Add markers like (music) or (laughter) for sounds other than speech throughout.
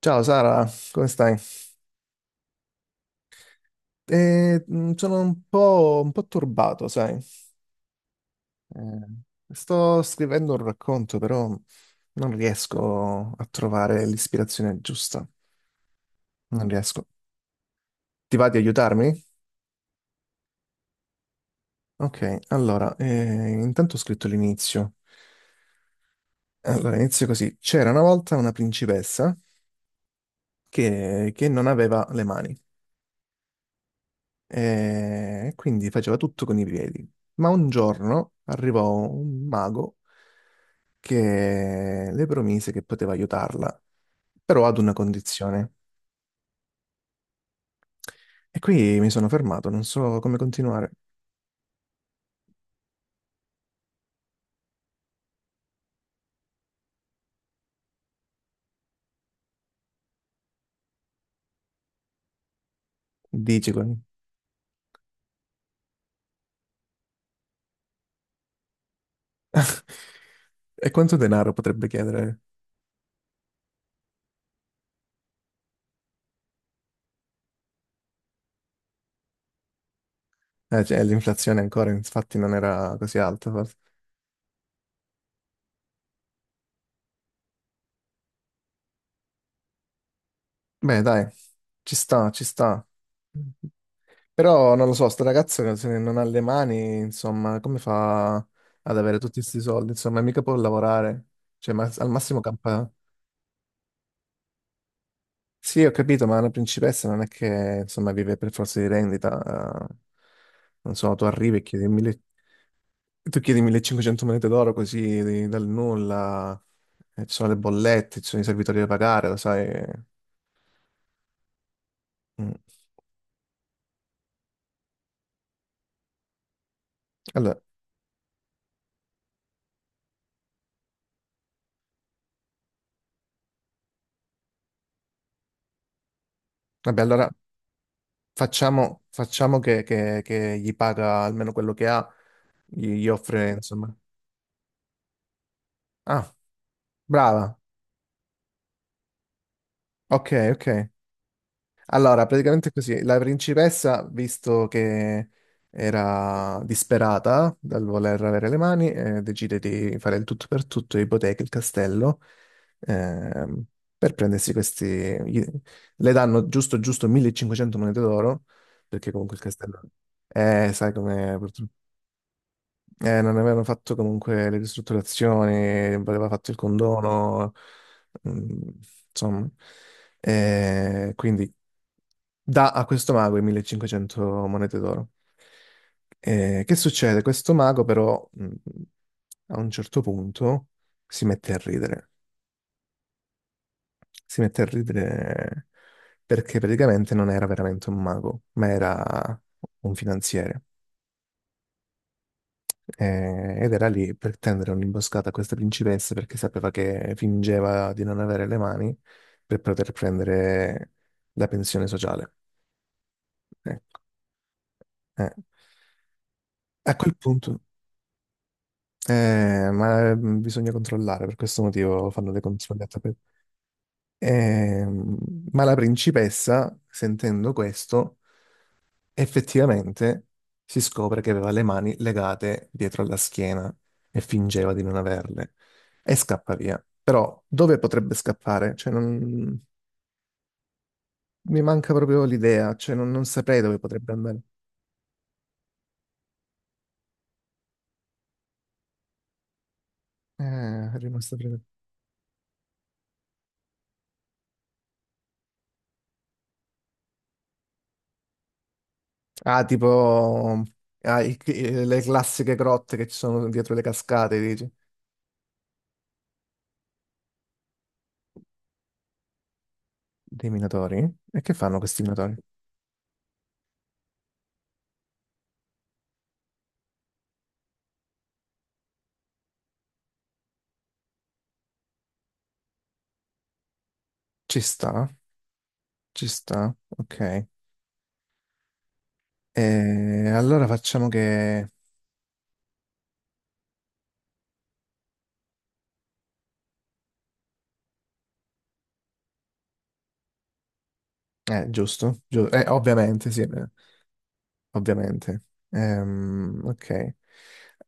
Ciao Sara, come stai? Sono un po' turbato, sai? Sto scrivendo un racconto, però non riesco a trovare l'ispirazione giusta. Non riesco. Ti va di aiutarmi? Ok, allora, intanto ho scritto l'inizio. Allora, inizio così. C'era una volta una principessa che non aveva le mani e quindi faceva tutto con i piedi. Ma un giorno arrivò un mago che le promise che poteva aiutarla, però ad una condizione. E qui mi sono fermato, non so come continuare. Dici con. (laughs) E quanto denaro potrebbe chiedere? Cioè, l'inflazione ancora, infatti, non era così alta, forse. Beh, dai, ci sta, ci sta. Però non lo so, sto ragazzo se non ha le mani, insomma, come fa ad avere tutti questi soldi? Insomma, mica può lavorare. Cioè, al massimo campa. Sì, ho capito, ma una principessa non è che insomma vive per forza di rendita. Non so, tu arrivi e chiedi, tu chiedi 1500 monete d'oro così dal nulla, e ci sono le bollette, ci sono i servitori da pagare, lo sai. Mm. Allora, vabbè, allora facciamo che gli paga almeno quello che ha, gli offre, insomma. Ah, brava, ok, ok. Allora, praticamente è così, la principessa, visto che era disperata dal voler avere le mani, decide di fare il tutto per tutto, ipoteca il castello, ehm, per prendersi questi... gli- Le danno giusto giusto 1500 monete d'oro, perché comunque il castello. Sai com'è, purtroppo. Non avevano fatto comunque le ristrutturazioni, non aveva fatto il condono, mm, insomma. Quindi dà a questo mago i 1500 monete d'oro. Che succede? Questo mago però a un certo punto si mette a ridere. Si mette a ridere perché praticamente non era veramente un mago, ma era un finanziere. Ed era lì per tendere un'imboscata a questa principessa perché sapeva che fingeva di non avere le mani per poter prendere la pensione sociale. Ecco, eh. A quel punto, ma bisogna controllare, per questo motivo fanno dei controlli a tappeto. Ehm, ma la principessa, sentendo questo, effettivamente si scopre che aveva le mani legate dietro alla schiena e fingeva di non averle e scappa via. Però dove potrebbe scappare? Cioè, non. Mi manca proprio l'idea, cioè non saprei dove potrebbe andare. Eh, è rimasto preso. Ah, tipo le classiche grotte che ci sono dietro le cascate, dici? Dei minatori? E che fanno questi minatori? Ci sta, ci sta, ok. E allora facciamo che. Giusto, ovviamente, sì, ovviamente. Ok.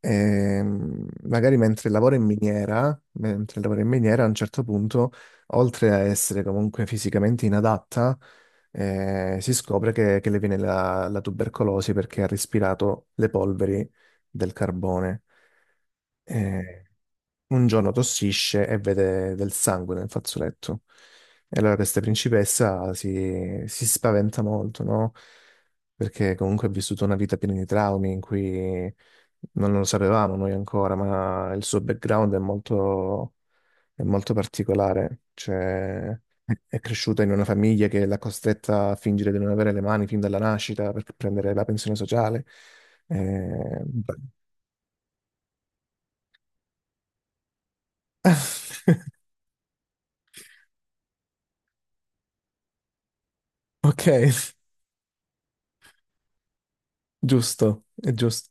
Magari mentre lavora in miniera, a un certo punto, oltre a essere comunque fisicamente inadatta, si scopre che le viene la tubercolosi perché ha respirato le polveri del carbone. Eh, un giorno tossisce e vede del sangue nel fazzoletto. E allora questa principessa si spaventa molto, no? Perché comunque ha vissuto una vita piena di traumi in cui non lo sapevamo noi ancora, ma il suo background è molto particolare. Cioè, è cresciuta in una famiglia che l'ha costretta a fingere di non avere le mani fin dalla nascita per prendere la pensione sociale. Eh, (laughs) Ok, giusto, è giusto.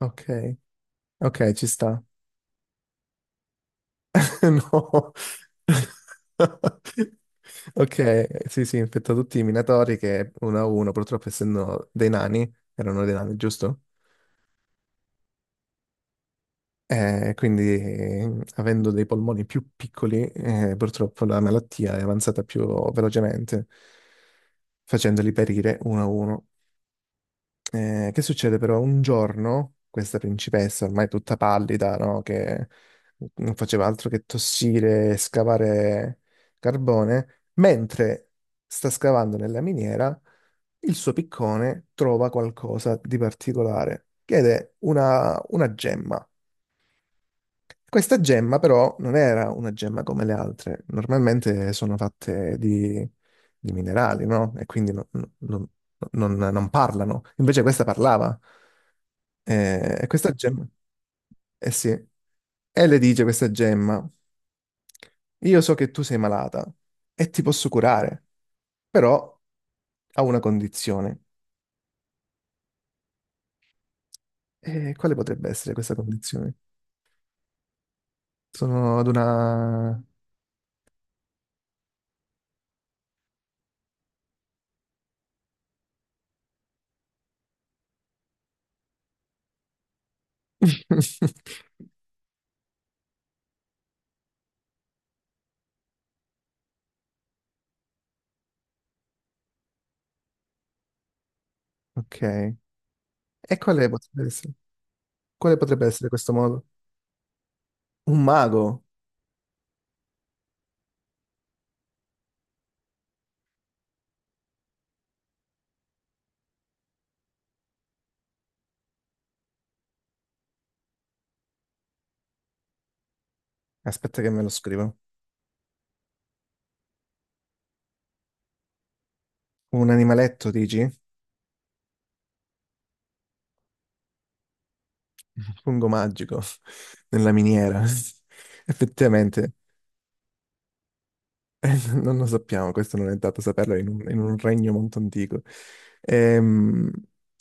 Ok, ok, ci sta. (laughs) No. (laughs) Ok, sì, sì, infetta tutti i minatori che uno a uno, purtroppo essendo dei nani, erano dei nani, giusto? Quindi, avendo dei polmoni più piccoli, purtroppo la malattia è avanzata più velocemente, facendoli perire uno a uno. Che succede però? Un giorno questa principessa, ormai tutta pallida, no? Che non faceva altro che tossire e scavare carbone, mentre sta scavando nella miniera, il suo piccone trova qualcosa di particolare, che è una gemma. Questa gemma però non era una gemma come le altre, normalmente sono fatte di minerali, no? E quindi non- non parlano, invece questa parlava. E questa gemma, eh sì, e le dice questa gemma, io so che tu sei malata e ti posso curare, però ha una condizione. E quale potrebbe essere questa condizione? Sono ad una. (laughs) Ok. E quale potrebbe essere? Quale potrebbe essere questo modo? Un mago? Aspetta che me lo scrivo. Un animaletto, dici? Fungo magico (laughs) nella miniera. (laughs) Effettivamente, (laughs) Non lo sappiamo, questo non è dato saperlo in un regno molto antico. Ehm,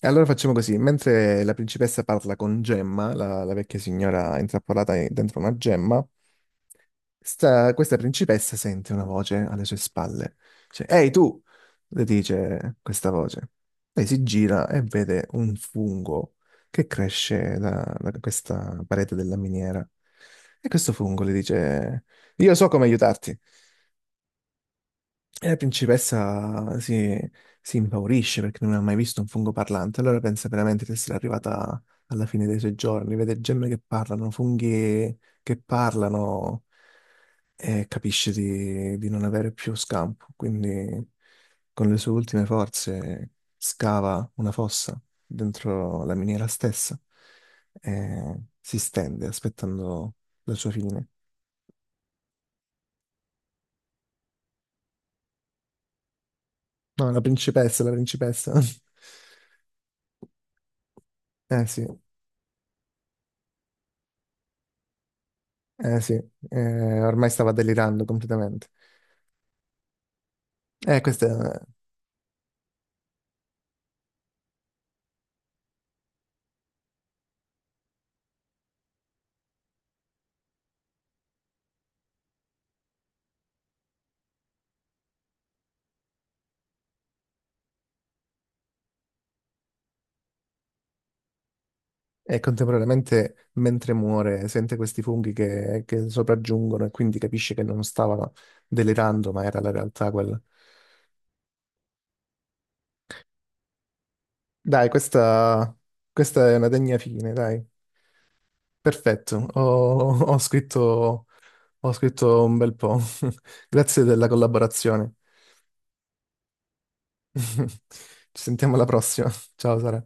allora facciamo così, mentre la principessa parla con Gemma, la vecchia signora intrappolata dentro una gemma, questa principessa sente una voce alle sue spalle. Dice, Ehi tu, le dice questa voce. Lei si gira e vede un fungo che cresce da questa parete della miniera. E questo fungo le dice, io so come aiutarti. E la principessa si impaurisce perché non ha mai visto un fungo parlante, allora pensa veramente di essere arrivata alla fine dei suoi giorni, vede gemme che parlano, funghi che parlano e capisce di non avere più scampo, quindi con le sue ultime forze scava una fossa dentro la miniera stessa e si stende aspettando la sua fine. No, la principessa, la principessa. (laughs) Eh sì. Eh sì, ormai stava delirando completamente. Questa è contemporaneamente, mentre muore, sente questi funghi che sopraggiungono e quindi capisce che non stava delirando, ma era la realtà quella. Dai, questa è una degna fine, dai. Perfetto, ho scritto un bel po'. (laughs) Grazie della collaborazione. (laughs) Ci sentiamo alla prossima. Ciao Sara.